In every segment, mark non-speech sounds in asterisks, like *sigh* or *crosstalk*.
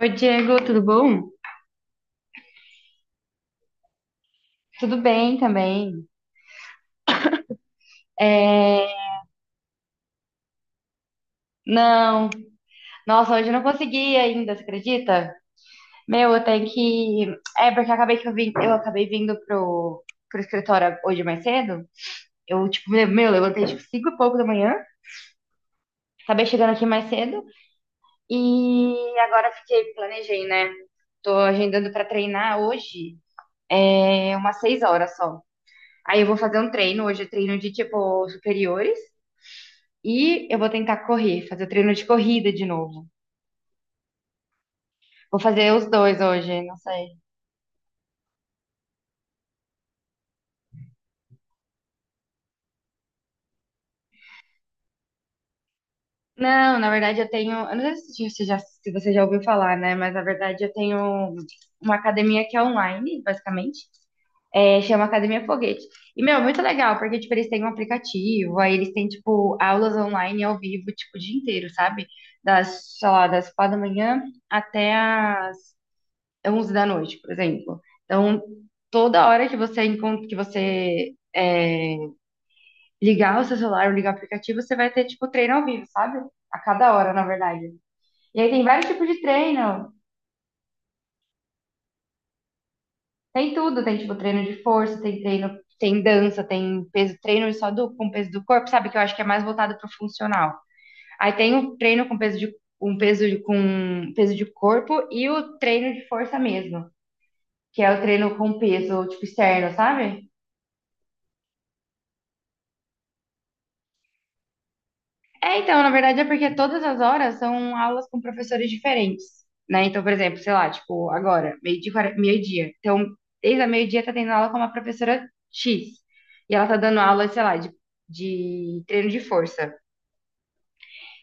Oi, Diego, tudo bom? Tudo bem também. É, Não, nossa, hoje eu não consegui ainda, você acredita? Meu, eu tenho que. Porque eu acabei que eu vim, eu acabei vindo pro escritório hoje mais cedo. Eu, tipo, meu, levantei tipo 5 e pouco da manhã, acabei chegando aqui mais cedo e agora fiquei, planejei, né? Tô agendando pra treinar hoje, é umas 6 horas só. Aí eu vou fazer um treino, hoje eu treino de tipo superiores. E eu vou tentar correr, fazer o treino de corrida de novo. Vou fazer os dois hoje, não sei. Não, na verdade eu tenho. Eu não sei se você já ouviu falar, né? Mas na verdade eu tenho uma academia que é online, basicamente. É, chama Academia Foguete. E, meu, é muito legal, porque, tipo, eles têm um aplicativo, aí eles têm, tipo, aulas online ao vivo, tipo, o dia inteiro, sabe? Das, sei lá, das 4 da manhã até a 11 da noite, por exemplo. Então, toda hora que você ligar o seu celular ou ligar o aplicativo, você vai ter, tipo, treino ao vivo, sabe? A cada hora, na verdade. E aí tem vários tipos de treino. Tem tudo, tem, tipo, treino de força, tem treino, tem dança, tem peso, treino só do, com peso do corpo, sabe? Que eu acho que é mais voltado pro funcional. Aí tem o treino com peso de, com peso de corpo e o treino de força mesmo, que é o treino com peso, tipo, externo, sabe? É, então, na verdade é porque todas as horas são aulas com professores diferentes, né? Então, por exemplo, sei lá, tipo, agora, meio-dia. Então, desde a meio-dia tá tendo aula com uma professora X. E ela tá dando aula, sei lá, de treino de força.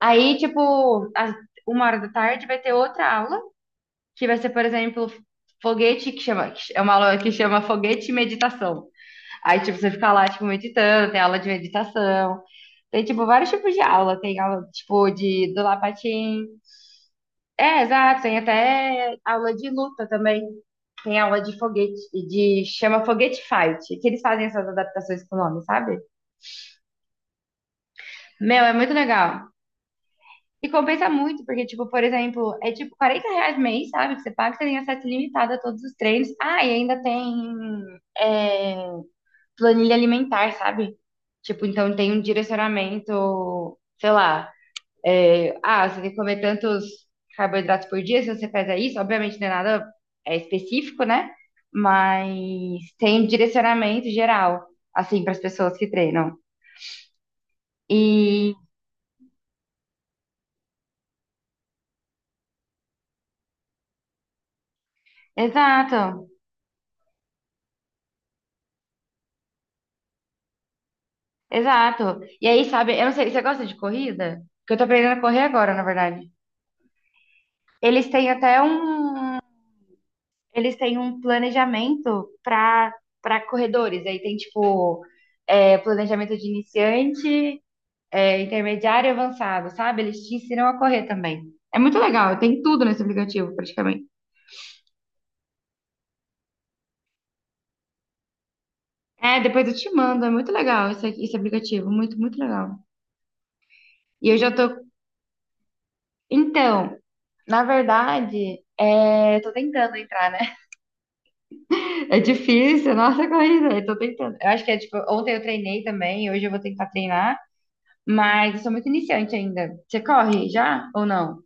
Aí, tipo, às 1 hora da tarde vai ter outra aula, que vai ser, por exemplo, foguete, que chama, que é uma aula que chama foguete e meditação. Aí, tipo, você fica lá, tipo, meditando, tem aula de meditação, tem, tipo, vários tipos de aula. Tem aula, tipo, de do lapatim. É, exato, tem até aula de luta também. Tem aula de foguete, de chama Foguete Fight, que eles fazem essas adaptações com o nome, sabe? Meu, é muito legal. E compensa muito, porque, tipo, por exemplo, é tipo 40 reais mês, sabe? Que você paga, você tem acesso ilimitado a todos os treinos. Ah, e ainda tem é, planilha alimentar, sabe? Tipo, então tem um direcionamento, sei lá, ah, você tem que comer tantos carboidratos por dia, se você fizer isso, obviamente não é nada específico, né? Mas tem um direcionamento geral, assim, para as pessoas que treinam. E, exato, exato. E aí, sabe, eu não sei, você gosta de corrida? Porque eu tô aprendendo a correr agora, na verdade. Eles têm até um eles têm um planejamento para corredores. Aí tem tipo planejamento de iniciante, intermediário e avançado, sabe? Eles te ensinam a correr também. É muito legal, tem tudo nesse aplicativo, praticamente. É, depois eu te mando, é muito legal esse aplicativo, muito, muito legal. E eu já tô. Então, na verdade, é... eu tô tentando entrar, né? *laughs* É difícil, nossa corrida, eu tô tentando. Eu acho que é tipo, ontem eu treinei também, hoje eu vou tentar treinar. Mas eu sou muito iniciante ainda. Você corre já ou não?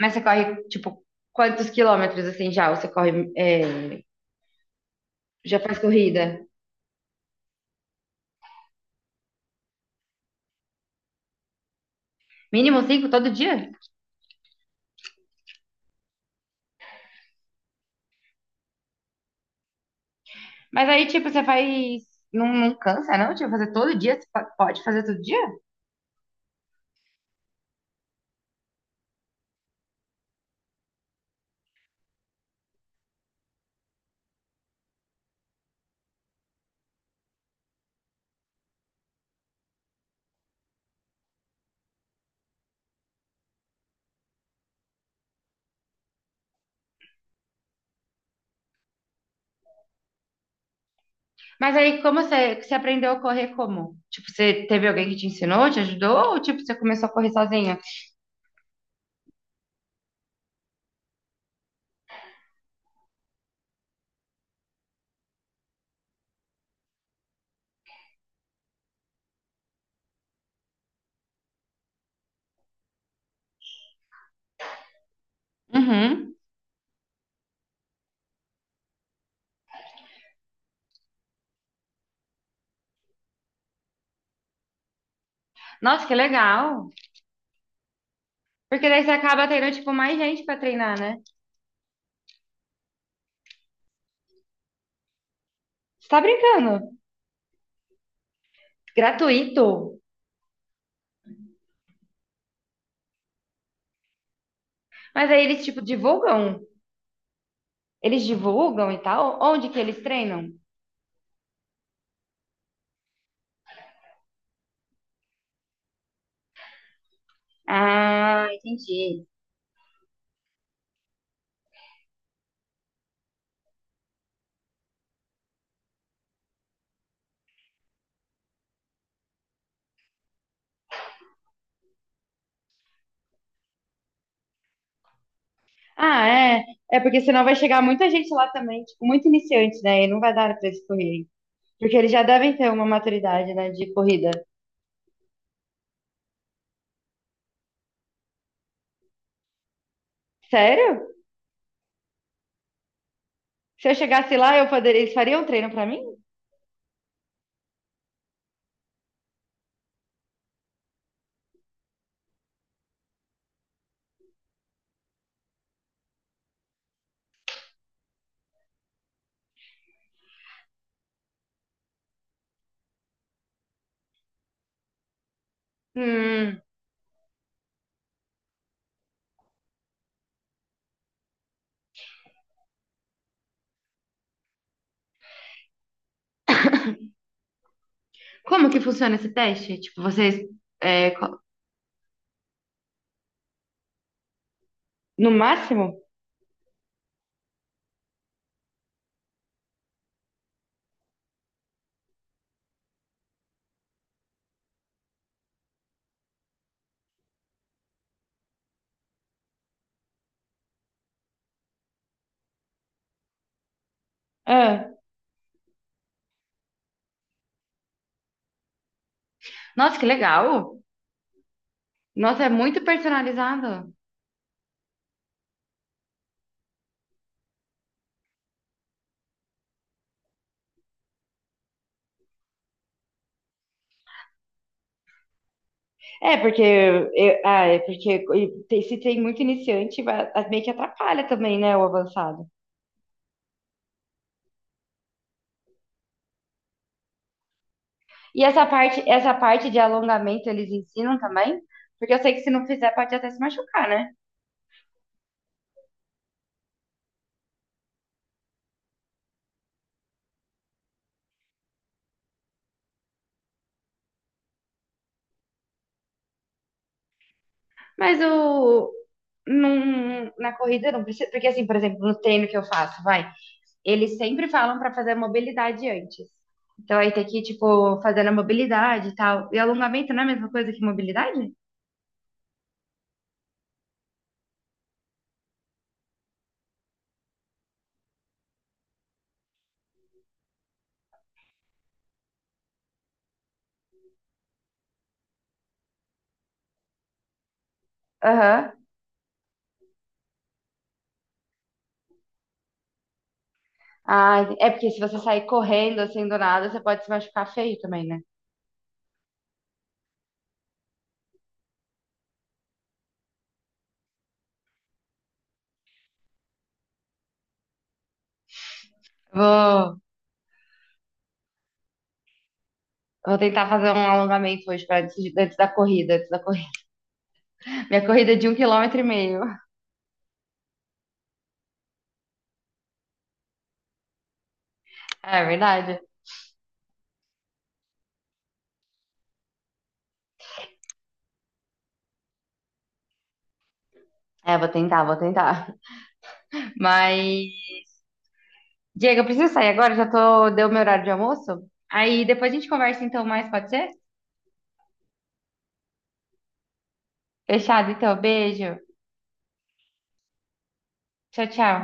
Mas você corre, tipo, quantos quilômetros assim já? Ou você corre, é, já faz corrida? Mínimo cinco todo dia? Mas aí, tipo, você faz. Não, não cansa, não? Tipo, fazer todo dia? Pode fazer todo dia? Mas aí, você aprendeu a correr como? Tipo, você teve alguém que te ensinou, te ajudou? Ou, tipo, você começou a correr sozinha? Uhum. Nossa, que legal. Porque daí você acaba tendo, tipo, mais gente pra treinar, né? Você tá brincando? Gratuito? Mas aí eles, tipo, divulgam? Eles divulgam e tal? Onde que eles treinam? Ah, entendi. Ah, é. É porque senão vai chegar muita gente lá também, tipo, muito iniciante, né? E não vai dar pra eles correrem. Porque eles já devem ter uma maturidade, né, de corrida. Sério? Se eu chegasse lá, eu poderia... eles fariam um treino pra mim? Hum. Como que funciona esse teste? Tipo, vocês. é, co- no máximo? Ah. Nossa, que legal! Nossa, é muito personalizado. É, porque eu- ah, é se tem muito iniciante, meio que atrapalha também, né, o avançado. E essa parte de alongamento eles ensinam também? Porque eu sei que se não fizer pode até se machucar, né? Mas o na corrida não precisa, porque assim, por exemplo, no treino que eu faço, vai, eles sempre falam pra fazer a mobilidade antes. Então aí tem que, tipo, fazendo a mobilidade e tal. E alongamento não é a mesma coisa que mobilidade? Aham. Ah, é porque se você sair correndo assim do nada, você pode se machucar feio também, né? Vou, vou tentar fazer um alongamento hoje para antes, antes da corrida, antes da corrida. *laughs* Minha corrida é de 1 quilômetro e meio. É verdade. É, vou tentar, vou tentar. Mas, Diego, eu preciso sair agora, já tô, deu meu horário de almoço. Aí depois a gente conversa então mais, pode ser? Fechado, então, beijo. Tchau, tchau.